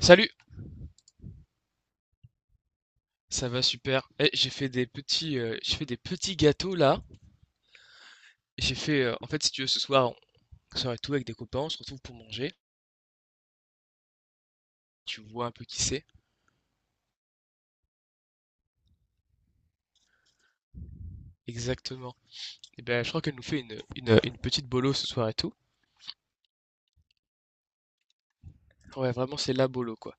Salut, ça va super. Eh, j'ai fait j'ai fait des petits gâteaux là. J'ai fait, en fait, si tu veux, ce soir, on sort et tout avec des copains, on se retrouve pour manger. Tu vois un peu qui c'est. Exactement. Et ben, je crois qu'elle nous fait une petite bolo ce soir et tout. Ouais, vraiment, c'est la bolo quoi.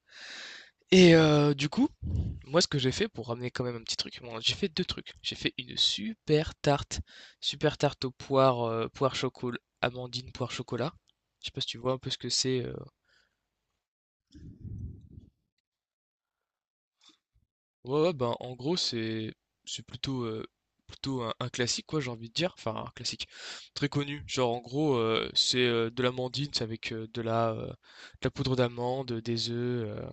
Et du coup, moi, ce que j'ai fait pour ramener quand même un petit truc, bon, j'ai fait deux trucs. J'ai fait une super tarte aux poires, poire chocolat, amandine, poire chocolat. Je sais pas si tu vois un peu ce que c'est. Ouais, ouais, ben, en gros, c'est plutôt plutôt un classique quoi, j'ai envie de dire, enfin un classique très connu. Genre en gros, c'est de l'amandine, c'est avec de la poudre d'amande, des œufs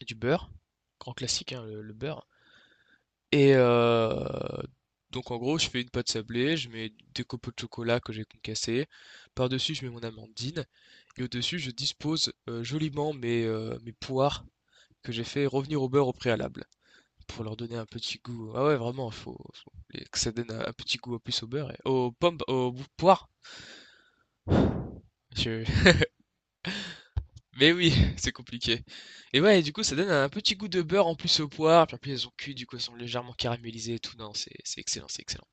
et du beurre. Grand classique hein, le beurre. Et donc en gros, je fais une pâte sablée, je mets des copeaux de chocolat que j'ai concassés. Par-dessus, je mets mon amandine et au-dessus, je dispose joliment mes poires que j'ai fait revenir au beurre au préalable. Pour leur donner un petit goût. Ah ouais, vraiment, que ça donne un petit goût en plus au beurre et aux pommes, aux poires. Je- Mais oui, c'est compliqué. Et ouais, et du coup, ça donne un petit goût de beurre en plus aux poires. Puis en plus, elles ont cuit, du coup, elles sont légèrement caramélisées et tout. Non, c'est excellent, c'est excellent.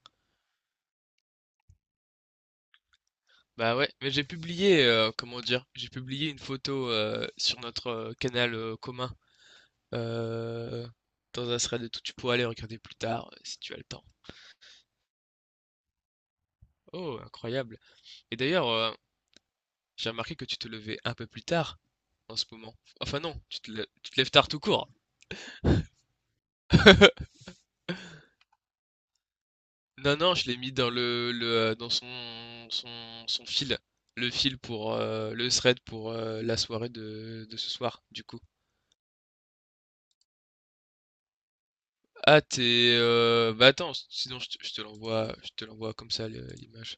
Bah ouais, mais j'ai publié, comment dire, j'ai publié une photo sur notre canal commun. Euh, Dans un thread de tout, tu pourras aller regarder plus tard si tu as le temps. Oh, incroyable. Et d'ailleurs, j'ai remarqué que tu te levais un peu plus tard en ce moment. Enfin non, tu te lèves tard tout court. Non, non, je l'ai mis dans dans son fil. Le fil pour le thread pour la soirée de ce soir, du coup. Ah, t'es. Bah attends, sinon je te l'envoie, je te l'envoie comme ça l'image.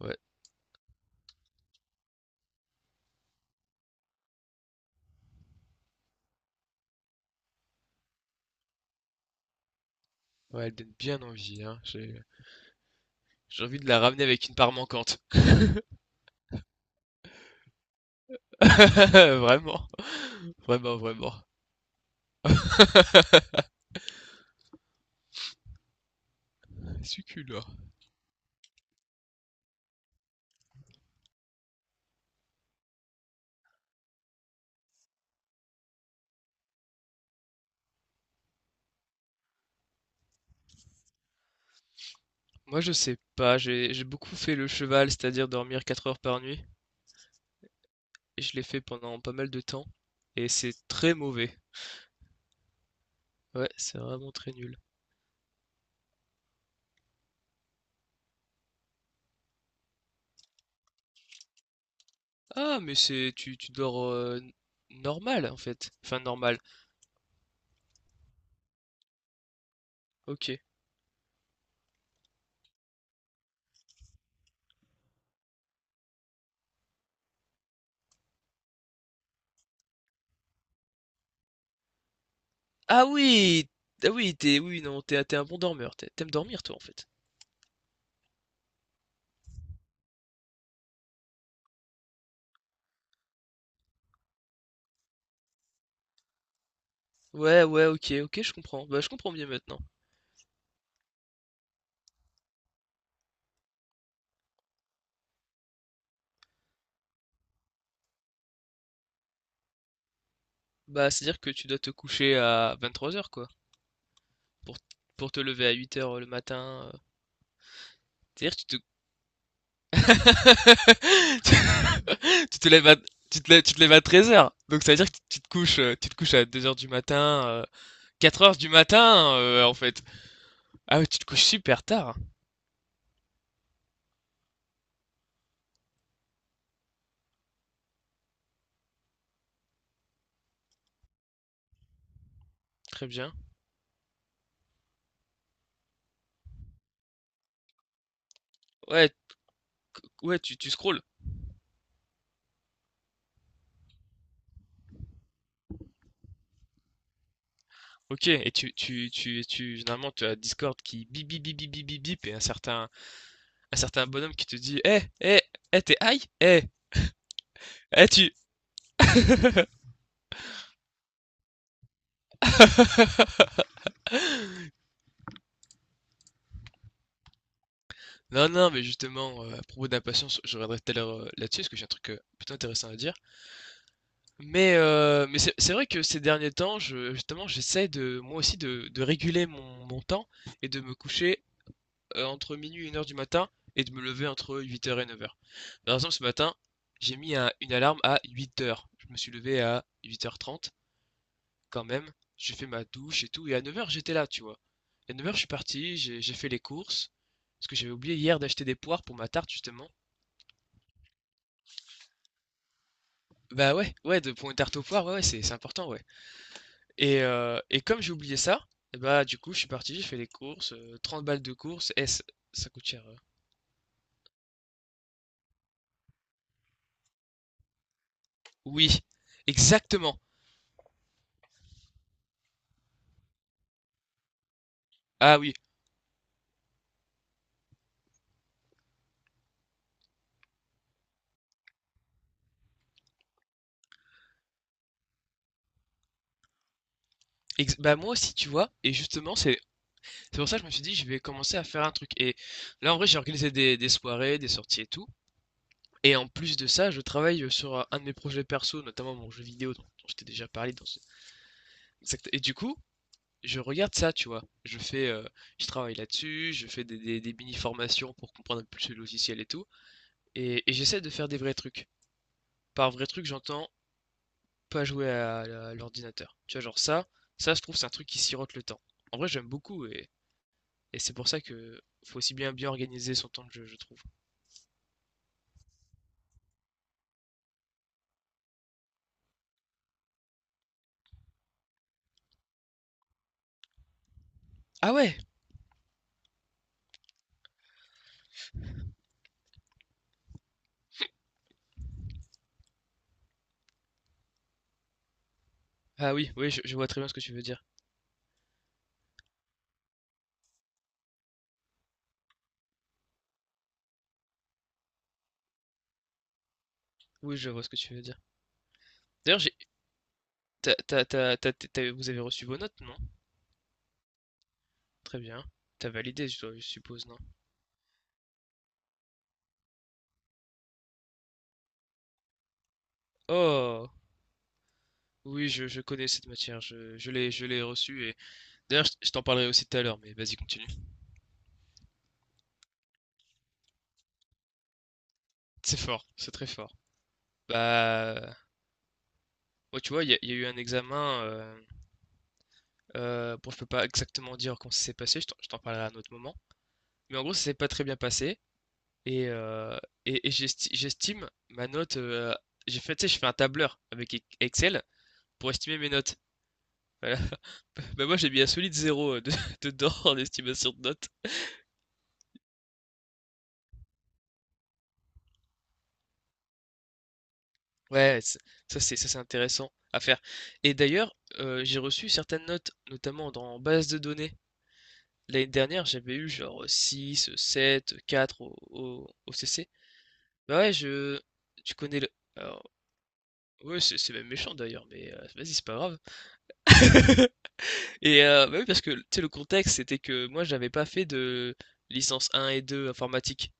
Ouais, ouais, elle donne bien envie, hein. J'ai envie de la ramener avec une part manquante. Vraiment, vraiment, vraiment. Succulent. Moi, je sais pas, j'ai beaucoup fait le cheval, c'est-à-dire dormir 4 heures par nuit, et je l'ai fait pendant pas mal de temps, et c'est très mauvais. Ouais, c'est vraiment très nul. Ah, mais tu dors normal en fait. Enfin normal. OK. Ah oui, ah oui, t'es oui non, t'es un bon dormeur. T'aimes dormir toi en fait. Ouais, ouais, OK, OK, je comprends. Bah je comprends bien maintenant. Bah, c'est-à-dire que tu dois te coucher à 23 heures quoi pour pour te lever à 8 heures le matin. C'est-à-dire que tu te Tu te lèves à, tu te lèves à 13 heures. Donc ça veut dire que tu te couches à 2 heures du matin, 4h du matin, en fait. Ah ouais, tu te couches super tard. Hein. Très bien. Ouais, ouais, tu scrolles. Ok, et généralement, tu as Discord qui bip, bip, bip, bip, bip, bip, bip, et un certain bonhomme qui te dit, eh, eh, eh, t'es high? Eh, eh, tu... Non, non, mais justement, à propos d'impatience, je reviendrai tout à l'heure là-dessus, parce que j'ai un truc plutôt intéressant à dire. Mais c'est vrai que ces derniers temps, justement, j'essaie de moi aussi de réguler mon temps et de me coucher entre minuit et 1 heure du matin et de me lever entre 8 heures et 9 heures. Par exemple, ce matin, j'ai mis une alarme à 8 heures. Je me suis levé à 8h30, quand même. J'ai fait ma douche et tout. Et à 9 heures, j'étais là, tu vois. Et à 9 heures, je suis parti, j'ai fait les courses. Parce que j'avais oublié hier d'acheter des poires pour ma tarte, justement. Bah ouais, ouais, pour une tarte aux poires, ouais, ouais, c'est important, ouais. Et comme j'ai oublié ça, et bah, du coup, je suis parti, j'ai fait les courses, 30 balles de courses. Eh, ç ça coûte cher, oui, exactement. Ah oui, ex bah, moi aussi, tu vois? Et justement, c'est pour ça que je me suis dit: «Je vais commencer à faire un truc» et là, en vrai, j'ai organisé des soirées, des sorties et tout et en plus de ça, je travaille, sur, un de mes projets perso, notamment mon jeu vidéo dont je t'ai déjà parlé dans ce exact et du coup, je regarde ça, tu vois? Je travaille là-dessus, je fais des mini formations pour comprendre un peu plus le logiciel et tout. Et j'essaie de faire des vrais trucs. Par vrai truc, j'entends pas jouer à l'ordinateur. Tu vois, genre je trouve, c'est un truc qui sirote le temps. En vrai, j'aime beaucoup et c'est pour ça que faut aussi bien bien organiser son temps de jeu, je trouve. Ah ouais! Ah oui, oui, je vois très bien ce que tu veux dire. Oui, je vois ce que tu veux dire. D'ailleurs, j'ai, t'as- t'as- t'as- t'as- t'as- vous avez reçu vos notes, non? Très bien. T'as validé, je suppose, non? Oh! Oui, je connais cette matière, je l'ai reçue et d'ailleurs, je t'en parlerai aussi tout à l'heure, mais vas-y, continue. C'est fort, c'est très fort. Bah, ouais, tu vois, il y a eu un examen. Bon, je peux pas exactement dire comment ça s'est passé, je t'en parlerai à un autre moment. Mais en gros, ça s'est pas très bien passé. Et, euh, J'estime ma note. J'ai fait, tu sais, je fais un tableur avec Excel pour estimer mes notes. Voilà. Bah, moi, j'ai mis un solide zéro dedans en estimation de notes. Ouais, ça, c'est intéressant à faire. Et d'ailleurs, j'ai reçu certaines notes, notamment dans base de données. L'année dernière, j'avais eu genre 6 7 4 au CC. Bah ouais, je tu connais le alors, ouais, c'est même méchant d'ailleurs, mais vas-y, c'est pas grave. Et bah oui, parce que tu sais, le contexte, c'était que moi, j'avais pas fait de licence un et 2 informatique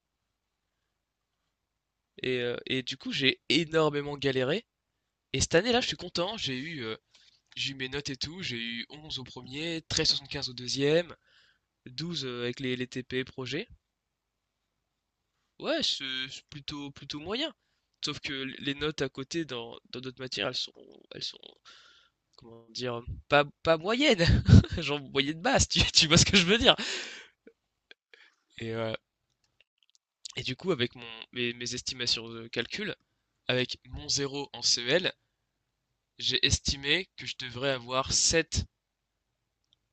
et du coup, j'ai énormément galéré et cette année-là, je suis content, j'ai eu mes notes et tout, j'ai eu 11 au 1er, 13,75 au 2e, 12, avec les TP projets. Ouais, c'est plutôt plutôt moyen. Sauf que les notes à côté dans d'autres matières, elles sont comment dire, pas moyenne, genre moyenne basse, tu vois ce que je veux dire. Et, euh, et du coup, avec mes estimations de calcul, avec mon zéro en CEL, j'ai estimé que je devrais avoir sept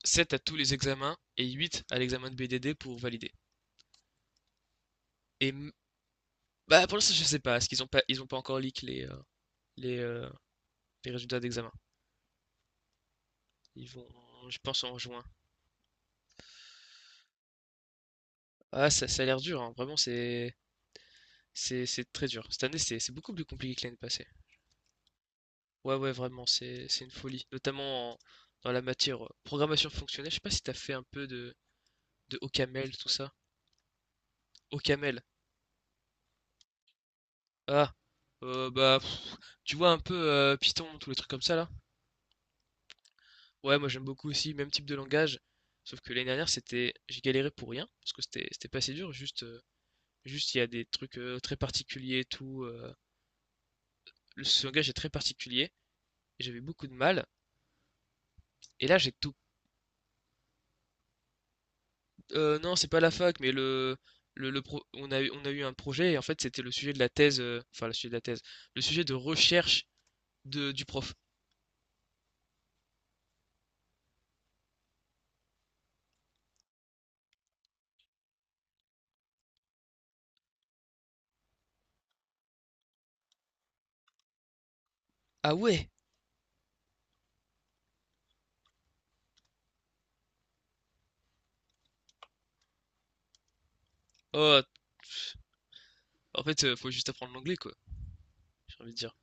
sept à tous les examens et 8 à l'examen de BDD pour valider. Et bah, pour l'instant, je sais pas, parce qu'ils ont pas encore leak les, euh, les résultats d'examen. Ils vont, je pense, en juin. Ah, ça a l'air dur, hein. Vraiment, c'est très dur. Cette année, c'est beaucoup plus compliqué que l'année passée. Ouais, ouais, vraiment, c'est une folie, notamment dans la matière programmation fonctionnelle. Je sais pas si t'as fait un peu de OCaml, tout ça. OCaml. Ah, bah, pff, tu vois un peu Python, tous les trucs comme ça là. Ouais, moi j'aime beaucoup aussi, même type de langage. Sauf que l'année dernière, j'ai galéré pour rien, parce que c'était pas assez dur. Juste il y a des trucs très particuliers et tout. Ce langage est très particulier et j'avais beaucoup de mal. Et là, j'ai tout. Non, c'est pas la fac, mais on a eu un projet et en fait c'était le sujet de la thèse, enfin le sujet de la thèse, le sujet de recherche du prof. Ah ouais? Oh, pff, en fait, faut juste apprendre l'anglais quoi. J'ai envie de dire,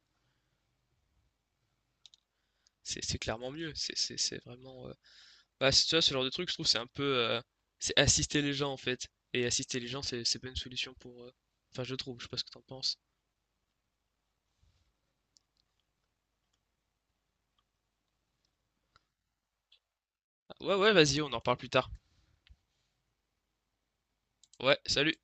c'est clairement mieux. C'est vraiment, bah tu vois, ce genre de truc, je trouve, c'est un peu, c'est assister les gens en fait. Et assister les gens, c'est pas une solution pour, enfin je trouve. Je sais pas ce que t'en penses. Ah, ouais, ouais, vas-y, on en parle plus tard. Ouais, salut.